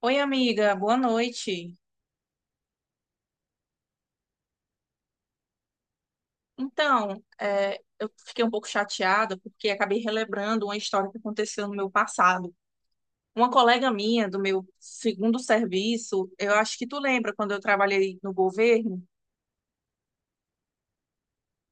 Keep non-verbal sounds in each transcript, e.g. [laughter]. Oi, amiga, boa noite. Eu fiquei um pouco chateada porque acabei relembrando uma história que aconteceu no meu passado. Uma colega minha do meu segundo serviço, eu acho que tu lembra quando eu trabalhei no governo,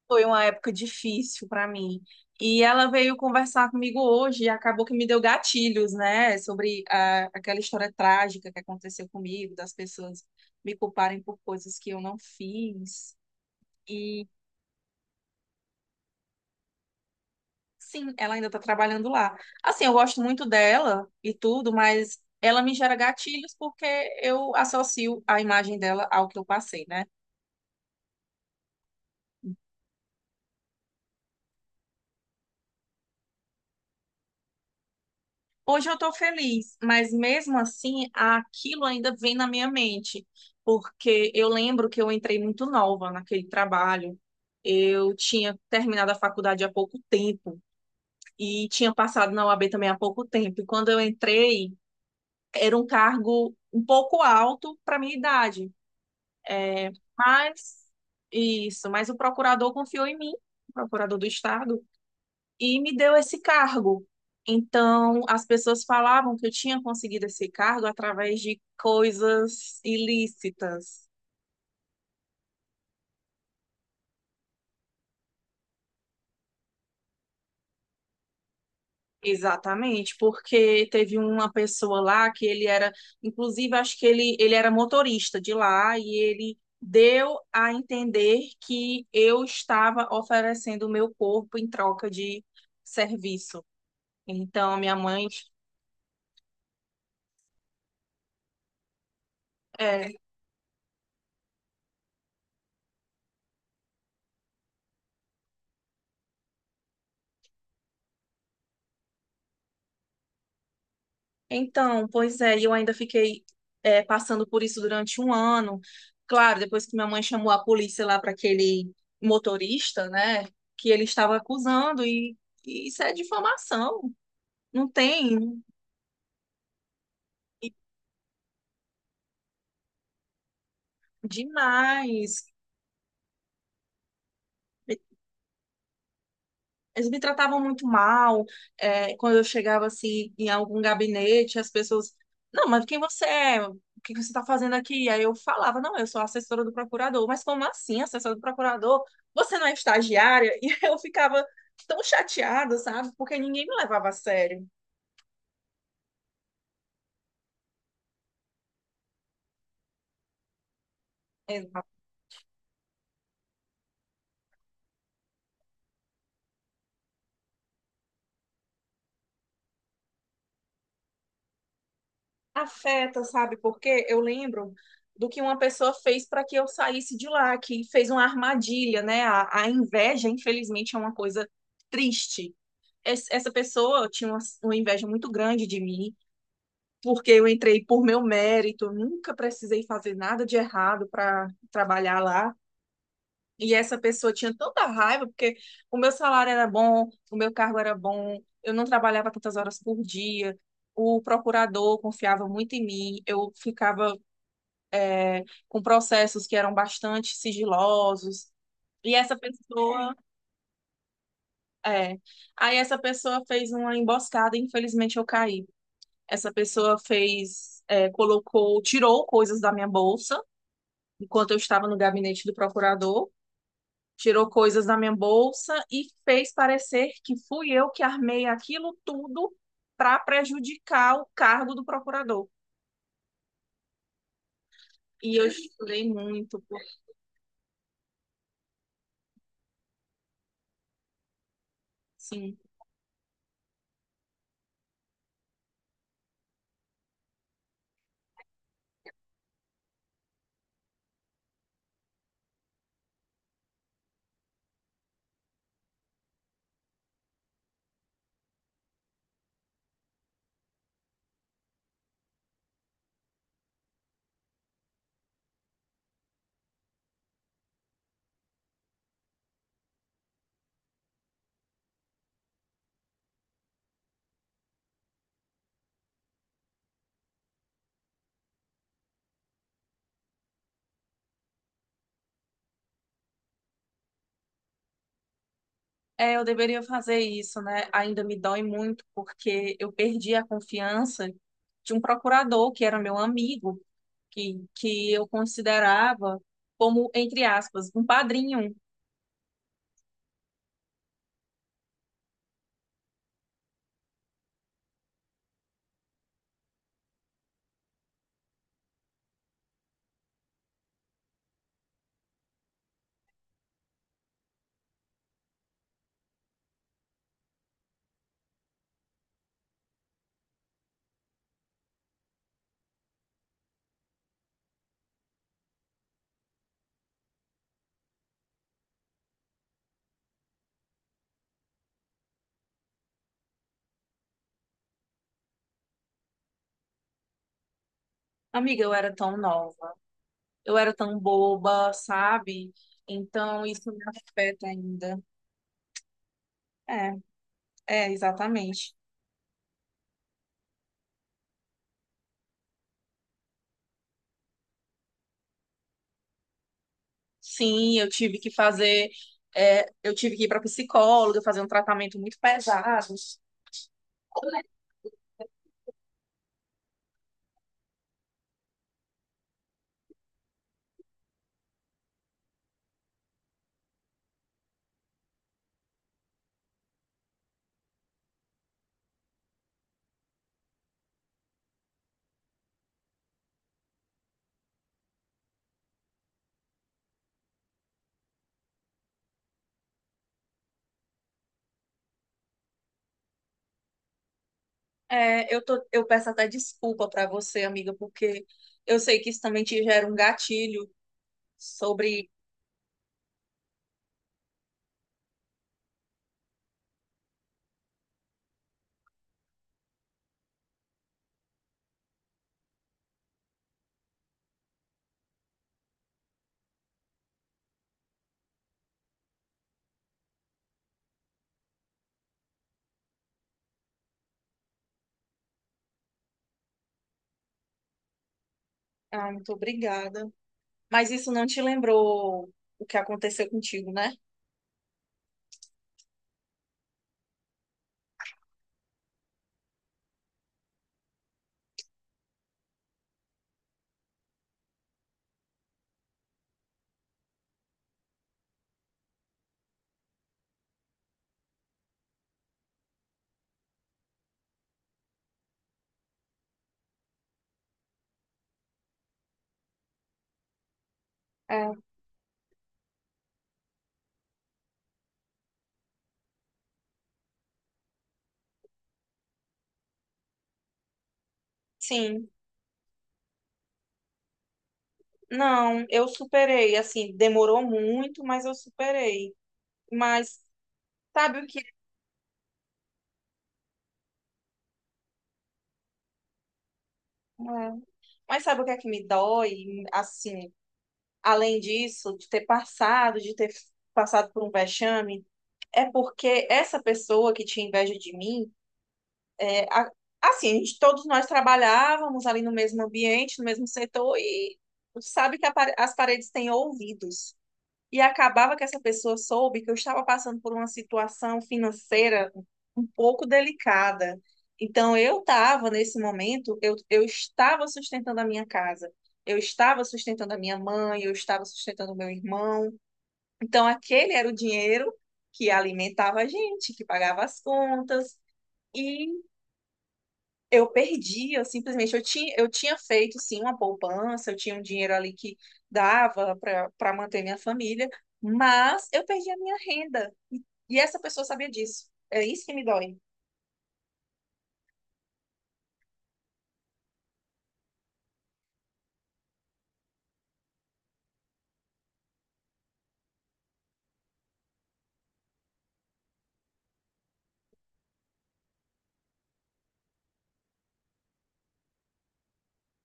foi uma época difícil para mim. E ela veio conversar comigo hoje e acabou que me deu gatilhos, né, sobre aquela história trágica que aconteceu comigo, das pessoas me culparem por coisas que eu não fiz. Sim, ela ainda tá trabalhando lá. Assim, eu gosto muito dela e tudo, mas ela me gera gatilhos porque eu associo a imagem dela ao que eu passei, né? Hoje eu tô feliz, mas mesmo assim, aquilo ainda vem na minha mente, porque eu lembro que eu entrei muito nova naquele trabalho. Eu tinha terminado a faculdade há pouco tempo e tinha passado na OAB também há pouco tempo. E quando eu entrei, era um cargo um pouco alto para minha idade. É, mas, isso, mas o procurador confiou em mim, o procurador do estado, e me deu esse cargo. Então, as pessoas falavam que eu tinha conseguido esse cargo através de coisas ilícitas. Exatamente, porque teve uma pessoa lá inclusive, acho que ele era motorista de lá e ele deu a entender que eu estava oferecendo o meu corpo em troca de serviço. Então, minha mãe. É, Pois é, e eu ainda fiquei passando por isso durante um ano. Claro, depois que minha mãe chamou a polícia lá para aquele motorista, né, que ele estava acusando, e isso é difamação. Não tem. e- Demais. Eles me tratavam muito mal. É, quando eu chegava assim em algum gabinete, as pessoas, não, mas quem você é? O que você está fazendo aqui? Aí eu falava, não, eu sou assessora do procurador. Mas como assim, assessora do procurador? Você não é estagiária? [laughs] E eu ficava tão chateada, sabe? Porque ninguém me levava a sério. Exato. Afeta, sabe? Porque eu lembro do que uma pessoa fez para que eu saísse de lá, que fez uma armadilha, né? A inveja, infelizmente, é uma coisa triste. Essa pessoa tinha uma inveja muito grande de mim, porque eu entrei por meu mérito, eu nunca precisei fazer nada de errado para trabalhar lá. E essa pessoa tinha tanta raiva, porque o meu salário era bom, o meu cargo era bom, eu não trabalhava tantas horas por dia. O procurador confiava muito em mim, eu ficava com processos que eram bastante sigilosos. E essa pessoa, é, aí essa pessoa fez uma emboscada e infelizmente eu caí. Essa pessoa colocou, tirou coisas da minha bolsa, enquanto eu estava no gabinete do procurador, tirou coisas da minha bolsa e fez parecer que fui eu que armei aquilo tudo para prejudicar o cargo do procurador. E eu chorei muito, porque assim, eu deveria fazer isso, né? Ainda me dói muito, porque eu perdi a confiança de um procurador que era meu amigo que eu considerava como, entre aspas, um padrinho. Amiga, eu era tão nova, eu era tão boba, sabe? Então isso me afeta ainda. É, é, exatamente. Sim, eu tive que eu tive que ir para psicóloga, fazer um tratamento muito pesado. Eu peço até desculpa para você, amiga, porque eu sei que isso também te gera um gatilho sobre. Ah, muito obrigada. Mas isso não te lembrou o que aconteceu contigo, né? É. Sim. Não, eu superei. Assim, demorou muito, mas eu superei. Mas sabe o que? É. Mas sabe o que é que me dói? Assim, além disso, de ter passado por um vexame, é porque essa pessoa que tinha inveja de mim, é, a- assim, todos nós trabalhávamos ali no mesmo ambiente, no mesmo setor, e sabe que as paredes têm ouvidos. E acabava que essa pessoa soube que eu estava passando por uma situação financeira um pouco delicada. Então, eu estava, nesse momento, eu estava sustentando a minha casa, eu estava sustentando a minha mãe, eu estava sustentando o meu irmão. Então, aquele era o dinheiro que alimentava a gente, que pagava as contas. E eu perdi, eu simplesmente eu tinha feito sim uma poupança, eu tinha um dinheiro ali que dava para manter minha família, mas eu perdi a minha renda. E essa pessoa sabia disso. É isso que me dói.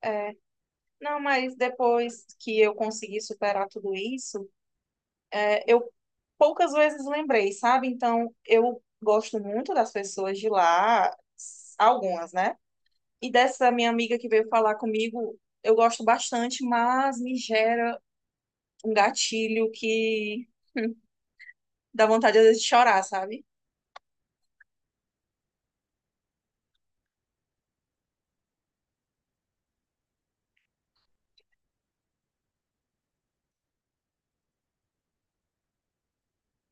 É, não, mas depois que eu consegui superar tudo isso, eu poucas vezes lembrei, sabe? Então, eu gosto muito das pessoas de lá, algumas, né? E dessa minha amiga que veio falar comigo, eu gosto bastante, mas me gera um gatilho que hum, dá vontade às vezes de chorar, sabe?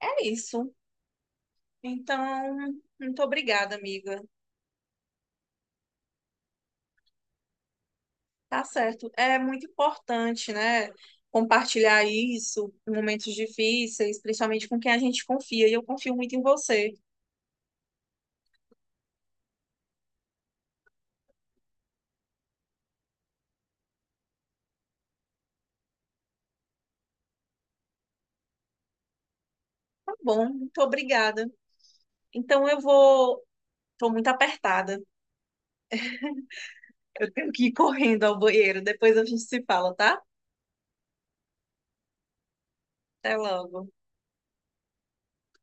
É isso. Então, muito obrigada, amiga. Tá certo. É muito importante, né? Compartilhar isso em momentos difíceis, principalmente com quem a gente confia. E eu confio muito em você. Tá bom, muito obrigada. Então eu vou. Tô muito apertada. Eu tenho que ir correndo ao banheiro. Depois a gente se fala, tá? Até logo.